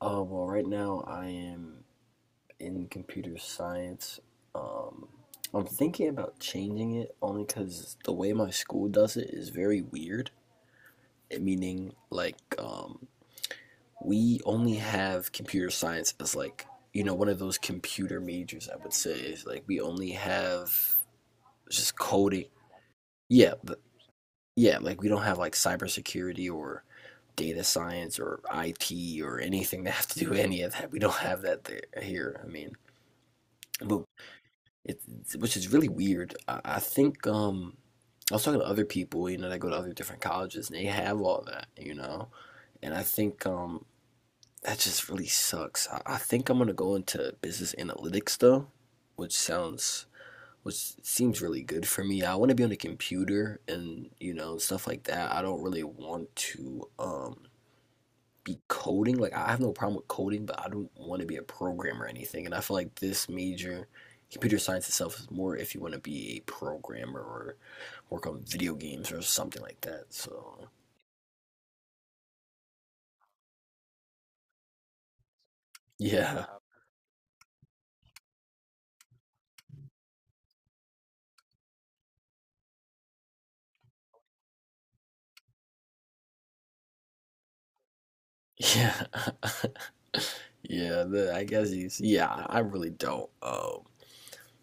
Oh, well, right now I am in computer science. Um, I'm thinking about changing it only because the way my school does it is very weird. It meaning, we only have computer science as, one of those computer majors, I would say. Is like, we only have just coding. Yeah, but yeah, like, we don't have, like, cybersecurity or data science or IT or anything that have to do with any of that. We don't have that there here. I mean, but which is really weird. I think I was talking to other people, you know, that go to other different colleges, and they have all that, you know. And I think that just really sucks. I think I'm gonna go into business analytics though, which sounds, which seems really good for me. I want to be on a computer, and you know, stuff like that. I don't really want to be coding. Like, I have no problem with coding, but I don't want to be a programmer or anything. And I feel like this major, computer science itself, is more if you want to be a programmer or work on video games or something like that. So yeah. Yeah. Yeah. I guess he's yeah. I really don't.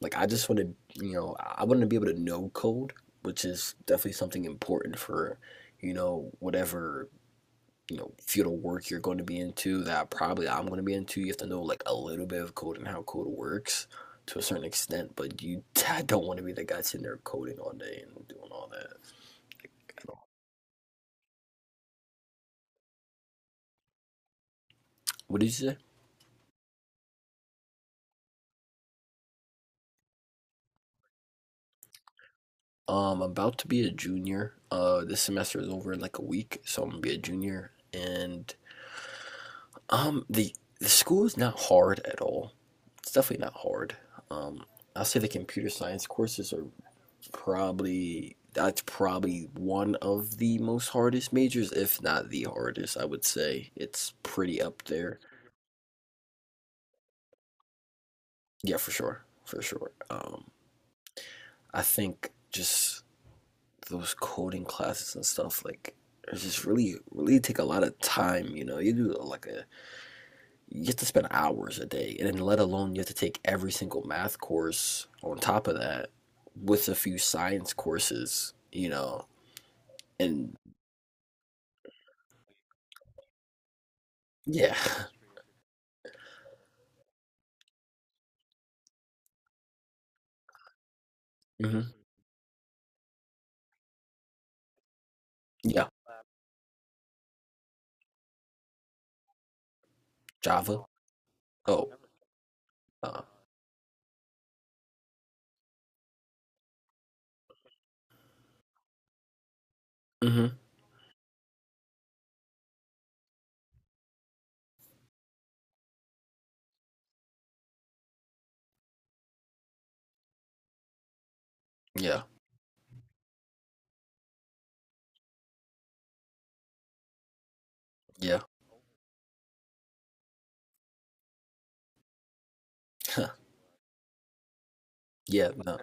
like, I just want to, you know, I want to be able to know code, which is definitely something important for, you know, whatever, you know, field of work you're going to be into that probably I'm going to be into. You have to know like a little bit of code and how code works to a certain extent, but you don't want to be the guy sitting there coding all day and doing all that. At all. What did you say? I'm about to be a junior. This semester is over in like a week, so I'm gonna be a junior. And um, the the school is not hard at all. It's definitely not hard. Um, I'll say the computer science courses are probably— that's probably one of the most hardest majors, if not the hardest. I would say it's pretty up there. Yeah, for sure, for sure. I think just those coding classes and stuff, like, it's just really really take a lot of time, you know, you do like a— you have to spend hours a day, and then let alone you have to take every single math course on top of that, with a few science courses, you know, and yeah. Hmm. Yeah. Java. Oh, uh, mm-hmm. Yeah, yeah. Yeah, no.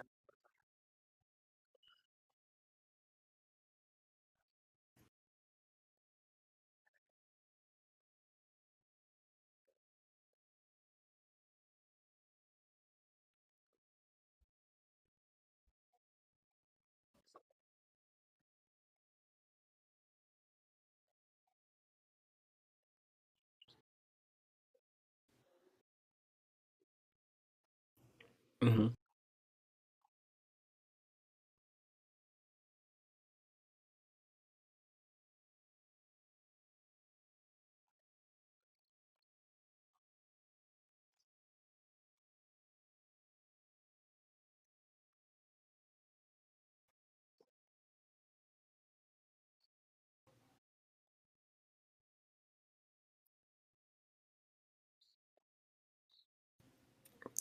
mm-hmm.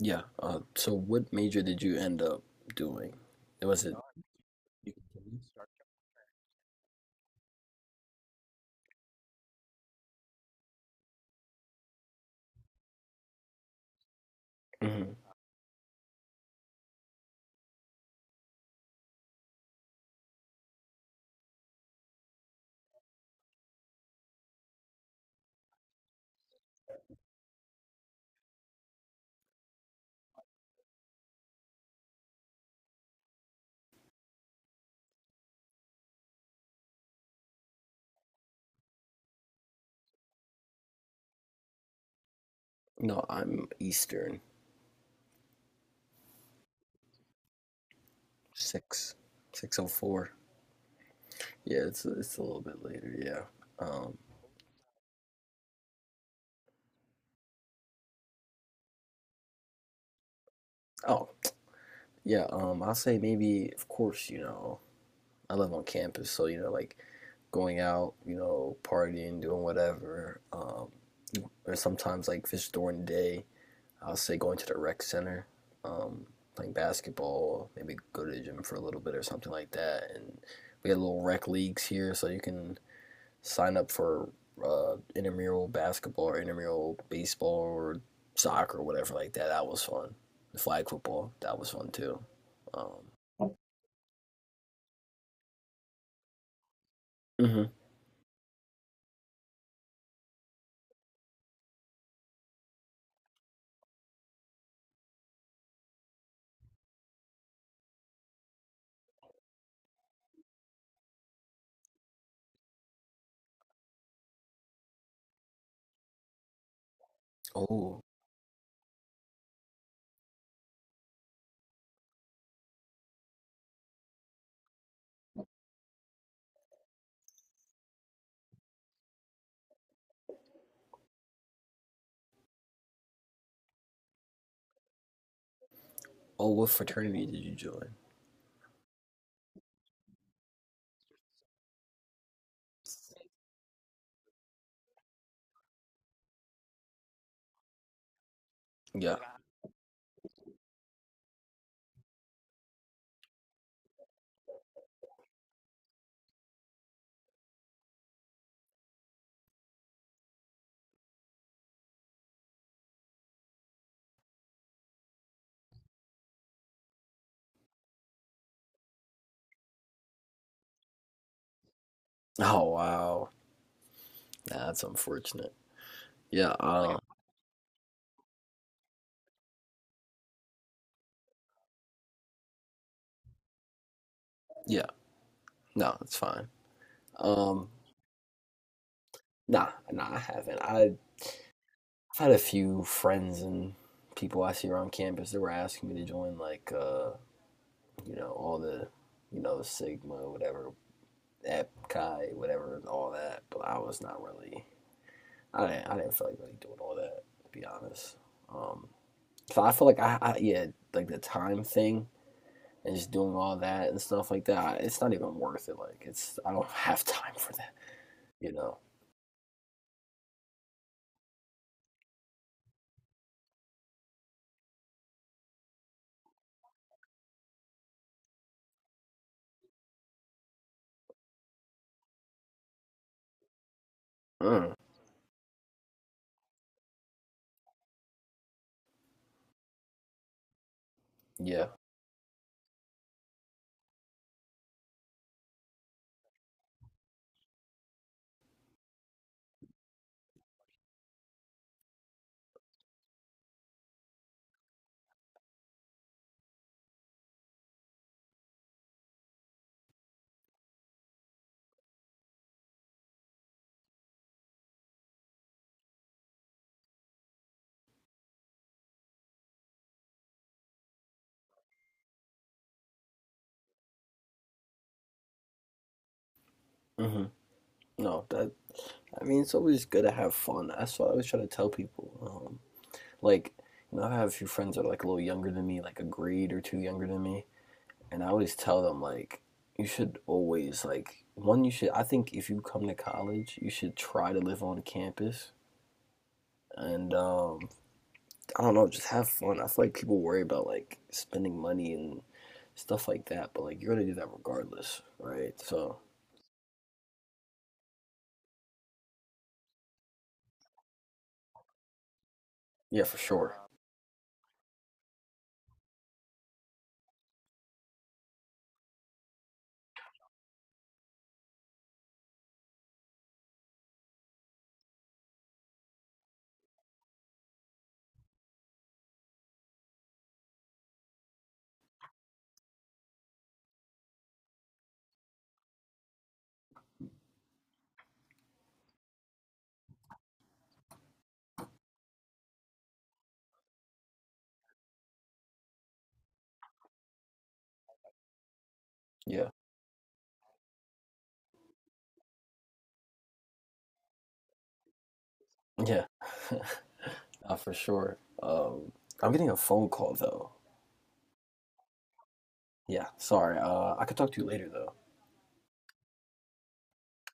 Yeah. So what major did you end up doing? Was it? Mhm. No, I'm Eastern, six— six oh four. Yeah, it's a little bit later. Yeah. Oh, yeah. I'll say maybe. Of course, you know, I live on campus, so you know, like, going out, you know, partying, doing whatever. Or sometimes like fish during the day, I'll say going to the rec center, um, playing basketball, maybe go to the gym for a little bit or something like that. And we had little rec leagues here, so you can sign up for intramural basketball or intramural baseball or soccer or whatever like that. That was fun. The flag football, that was fun too. Um, hmm. Oh, oh, what fraternity did you join? Yeah. Oh wow, nah, that's unfortunate. Yeah. Yeah. No, it's fine. Um. Nah. Nah. I haven't. I've had a few friends and people I see around campus that were asking me to join, all the, you know, Sigma, whatever, Epkai, Chi, whatever, all that. But I was not really, I didn't feel like really doing all that, to be honest. Um, so I feel like yeah, like the time thing and just doing all that and stuff like that, I- it's not even worth it. Like, it's— I don't have time for that, you know? Mm, yeah. Hmm. No, that— I mean, it's always good to have fun. That's what I always try to tell people. Like, you know, I have a few friends that are like a little younger than me, like a grade or two younger than me, and I always tell them, like, you should always— like, one, you should— I think if you come to college, you should try to live on campus, and um, I don't know, just have fun. I feel like people worry about like spending money and stuff like that, but like, you're gonna do that regardless, right? So, yeah, for sure. Yeah. Yeah. For sure. I'm getting a phone call though. Yeah, sorry. I could talk to you later though.